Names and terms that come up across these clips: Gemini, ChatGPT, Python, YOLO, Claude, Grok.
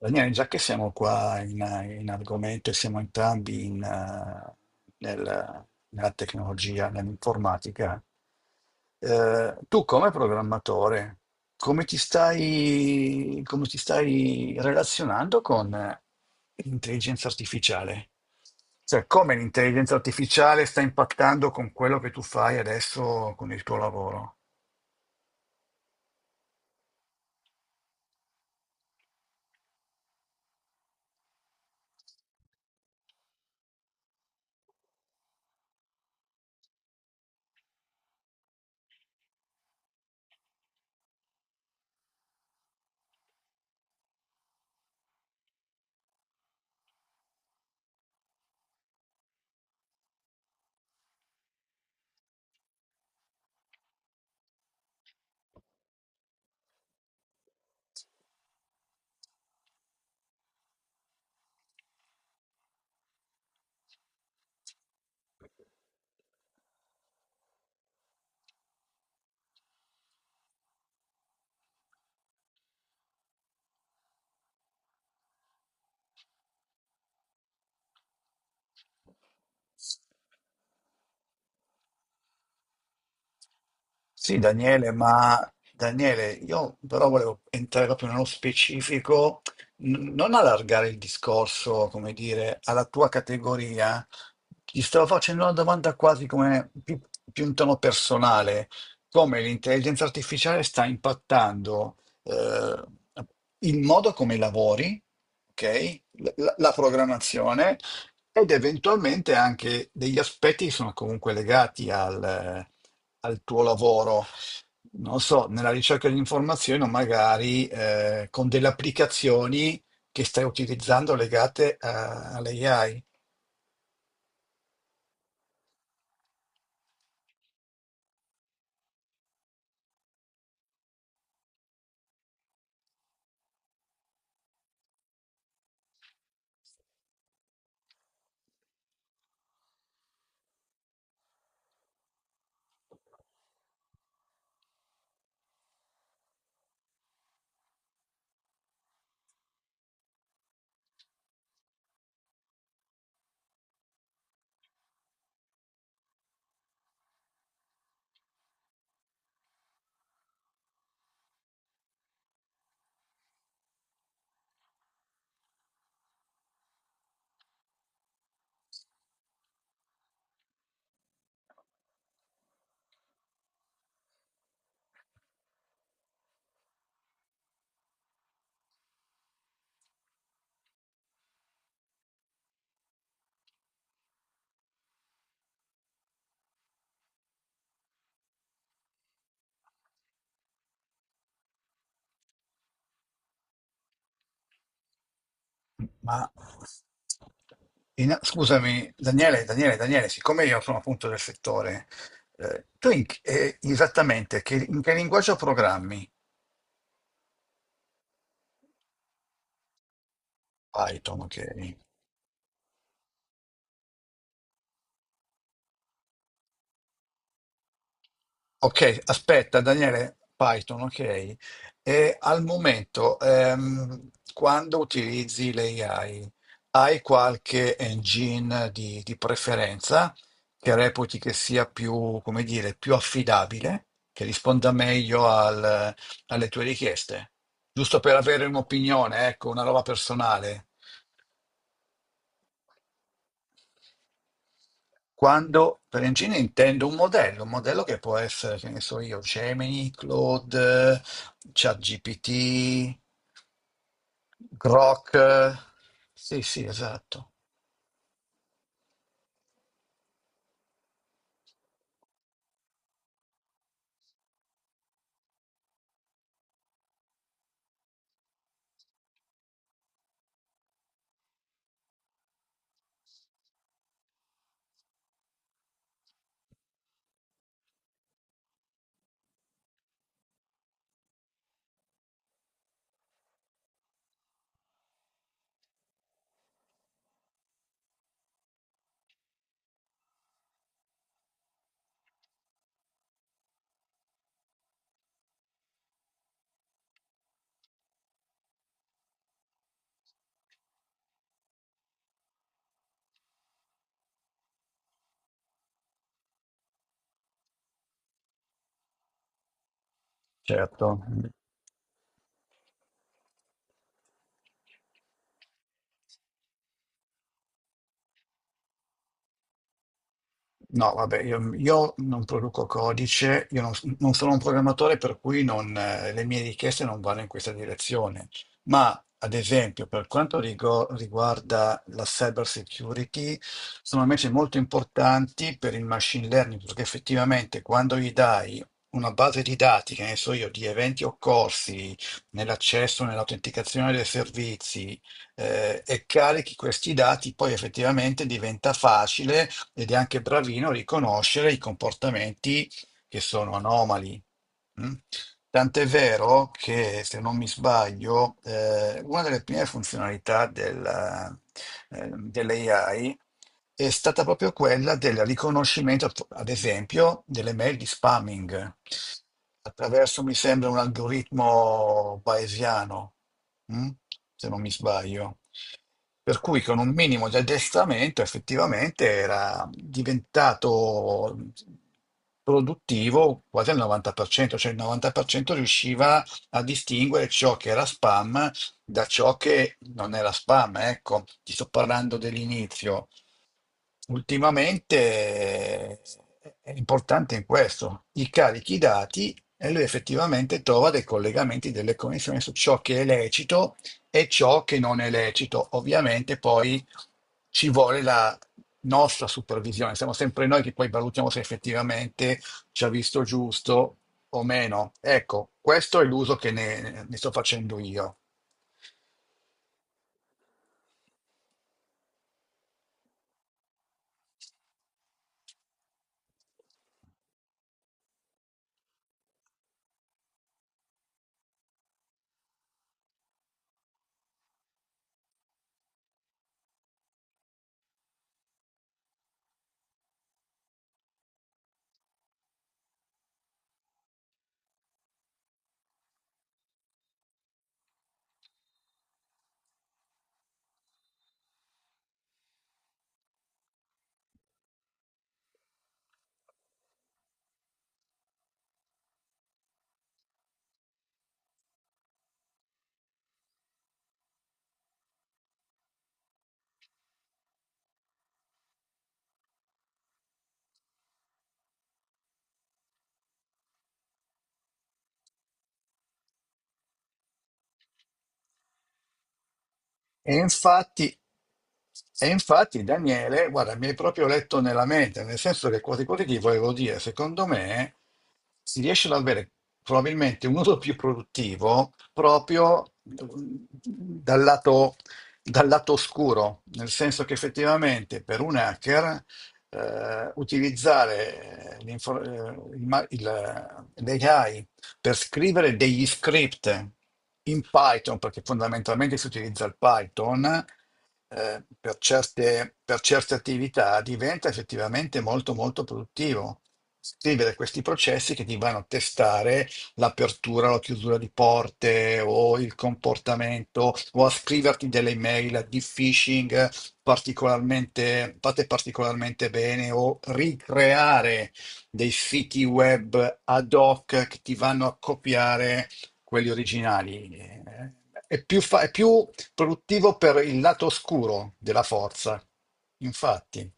Daniele, già che siamo qua in argomento e siamo entrambi in nella tecnologia, nell'informatica, tu come programmatore, come ti stai relazionando con l'intelligenza artificiale? Cioè, come l'intelligenza artificiale sta impattando con quello che tu fai adesso con il tuo lavoro? Sì, Daniele, ma Daniele, io però volevo entrare proprio nello specifico, non allargare il discorso, come dire, alla tua categoria. Ti stavo facendo una domanda più in tono personale, come l'intelligenza artificiale sta impattando eh, il modo come lavori, ok? La programmazione ed eventualmente anche degli aspetti che sono comunque legati al tuo lavoro. Non so, nella ricerca di informazioni o magari con delle applicazioni che stai utilizzando legate all'AI. Ma scusami, Daniele, siccome io sono appunto del settore, esattamente in che linguaggio programmi? Python, ok. Ok, aspetta Daniele, Python, ok. E al momento, quando utilizzi l'AI, hai qualche engine di preferenza che reputi che sia più, come dire, più affidabile, che risponda meglio alle tue richieste? Giusto per avere un'opinione, ecco, una roba personale. Quando per engine intendo un modello che può essere, che ne so io, Gemini, Claude, ChatGPT, Grok. Sì, sì, esatto. Certo. No, vabbè, io non produco codice, io non, non sono un programmatore, per cui non, le mie richieste non vanno in questa direzione. Ma, ad esempio, per quanto riguarda la cyber security, sono invece molto importanti per il machine learning, perché effettivamente quando gli dai una base di dati, che ne so io, di eventi occorsi nell'accesso, nell'autenticazione dei servizi, e carichi questi dati, poi effettivamente diventa facile ed è anche bravino a riconoscere i comportamenti che sono anomali. Mm? Tant'è vero che, se non mi sbaglio, una delle prime funzionalità dell'AI è stata proprio quella del riconoscimento, ad esempio, delle mail di spamming attraverso, mi sembra, un algoritmo bayesiano, mm? Se non mi sbaglio. Per cui con un minimo di addestramento effettivamente era diventato produttivo quasi al 90%, cioè il 90% riusciva a distinguere ciò che era spam da ciò che non era spam. Ecco, ti sto parlando dell'inizio. Ultimamente è importante in questo, gli carichi i dati e lui effettivamente trova dei collegamenti, delle connessioni su ciò che è lecito e ciò che non è lecito. Ovviamente poi ci vuole la nostra supervisione, siamo sempre noi che poi valutiamo se effettivamente ci ha visto giusto o meno. Ecco, questo è l'uso che ne sto facendo io. E infatti E infatti Daniele, guarda, mi hai proprio letto nella mente, nel senso che quasi quasi ti volevo dire, secondo me si riesce ad avere probabilmente un uso più produttivo proprio dal lato oscuro, nel senso che effettivamente per un hacker utilizzare l'ai per scrivere degli script in Python, perché fondamentalmente si utilizza il Python, per per certe attività diventa effettivamente molto molto produttivo. Scrivere questi processi che ti vanno a testare l'apertura o la chiusura di porte o il comportamento o a scriverti delle email di phishing fatte particolarmente bene o ricreare dei siti web ad hoc che ti vanno a copiare quelli originali. È più produttivo per il lato oscuro della forza, infatti.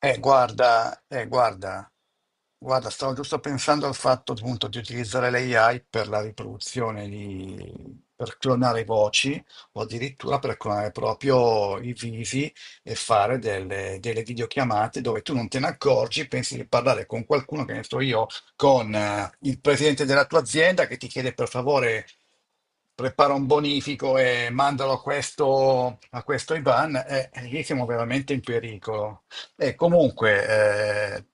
Eh, guarda, eh, guarda, guarda, stavo giusto pensando al fatto appunto di utilizzare l'AI per la riproduzione di, per clonare voci o addirittura per clonare proprio i visi e fare delle videochiamate dove tu non te ne accorgi, pensi di parlare con qualcuno, che ne so io, con il presidente della tua azienda che ti chiede per favore prepara un bonifico e mandalo a questo Ivan, lì siamo veramente in pericolo. E comunque, eh,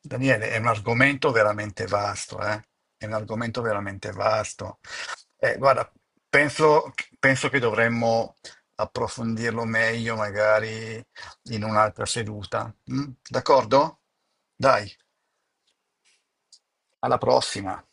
Daniele, è un argomento veramente vasto, eh? È un argomento veramente vasto. Eh, guarda, penso, penso che dovremmo approfondirlo meglio, magari in un'altra seduta. Mm? D'accordo? Dai, alla prossima.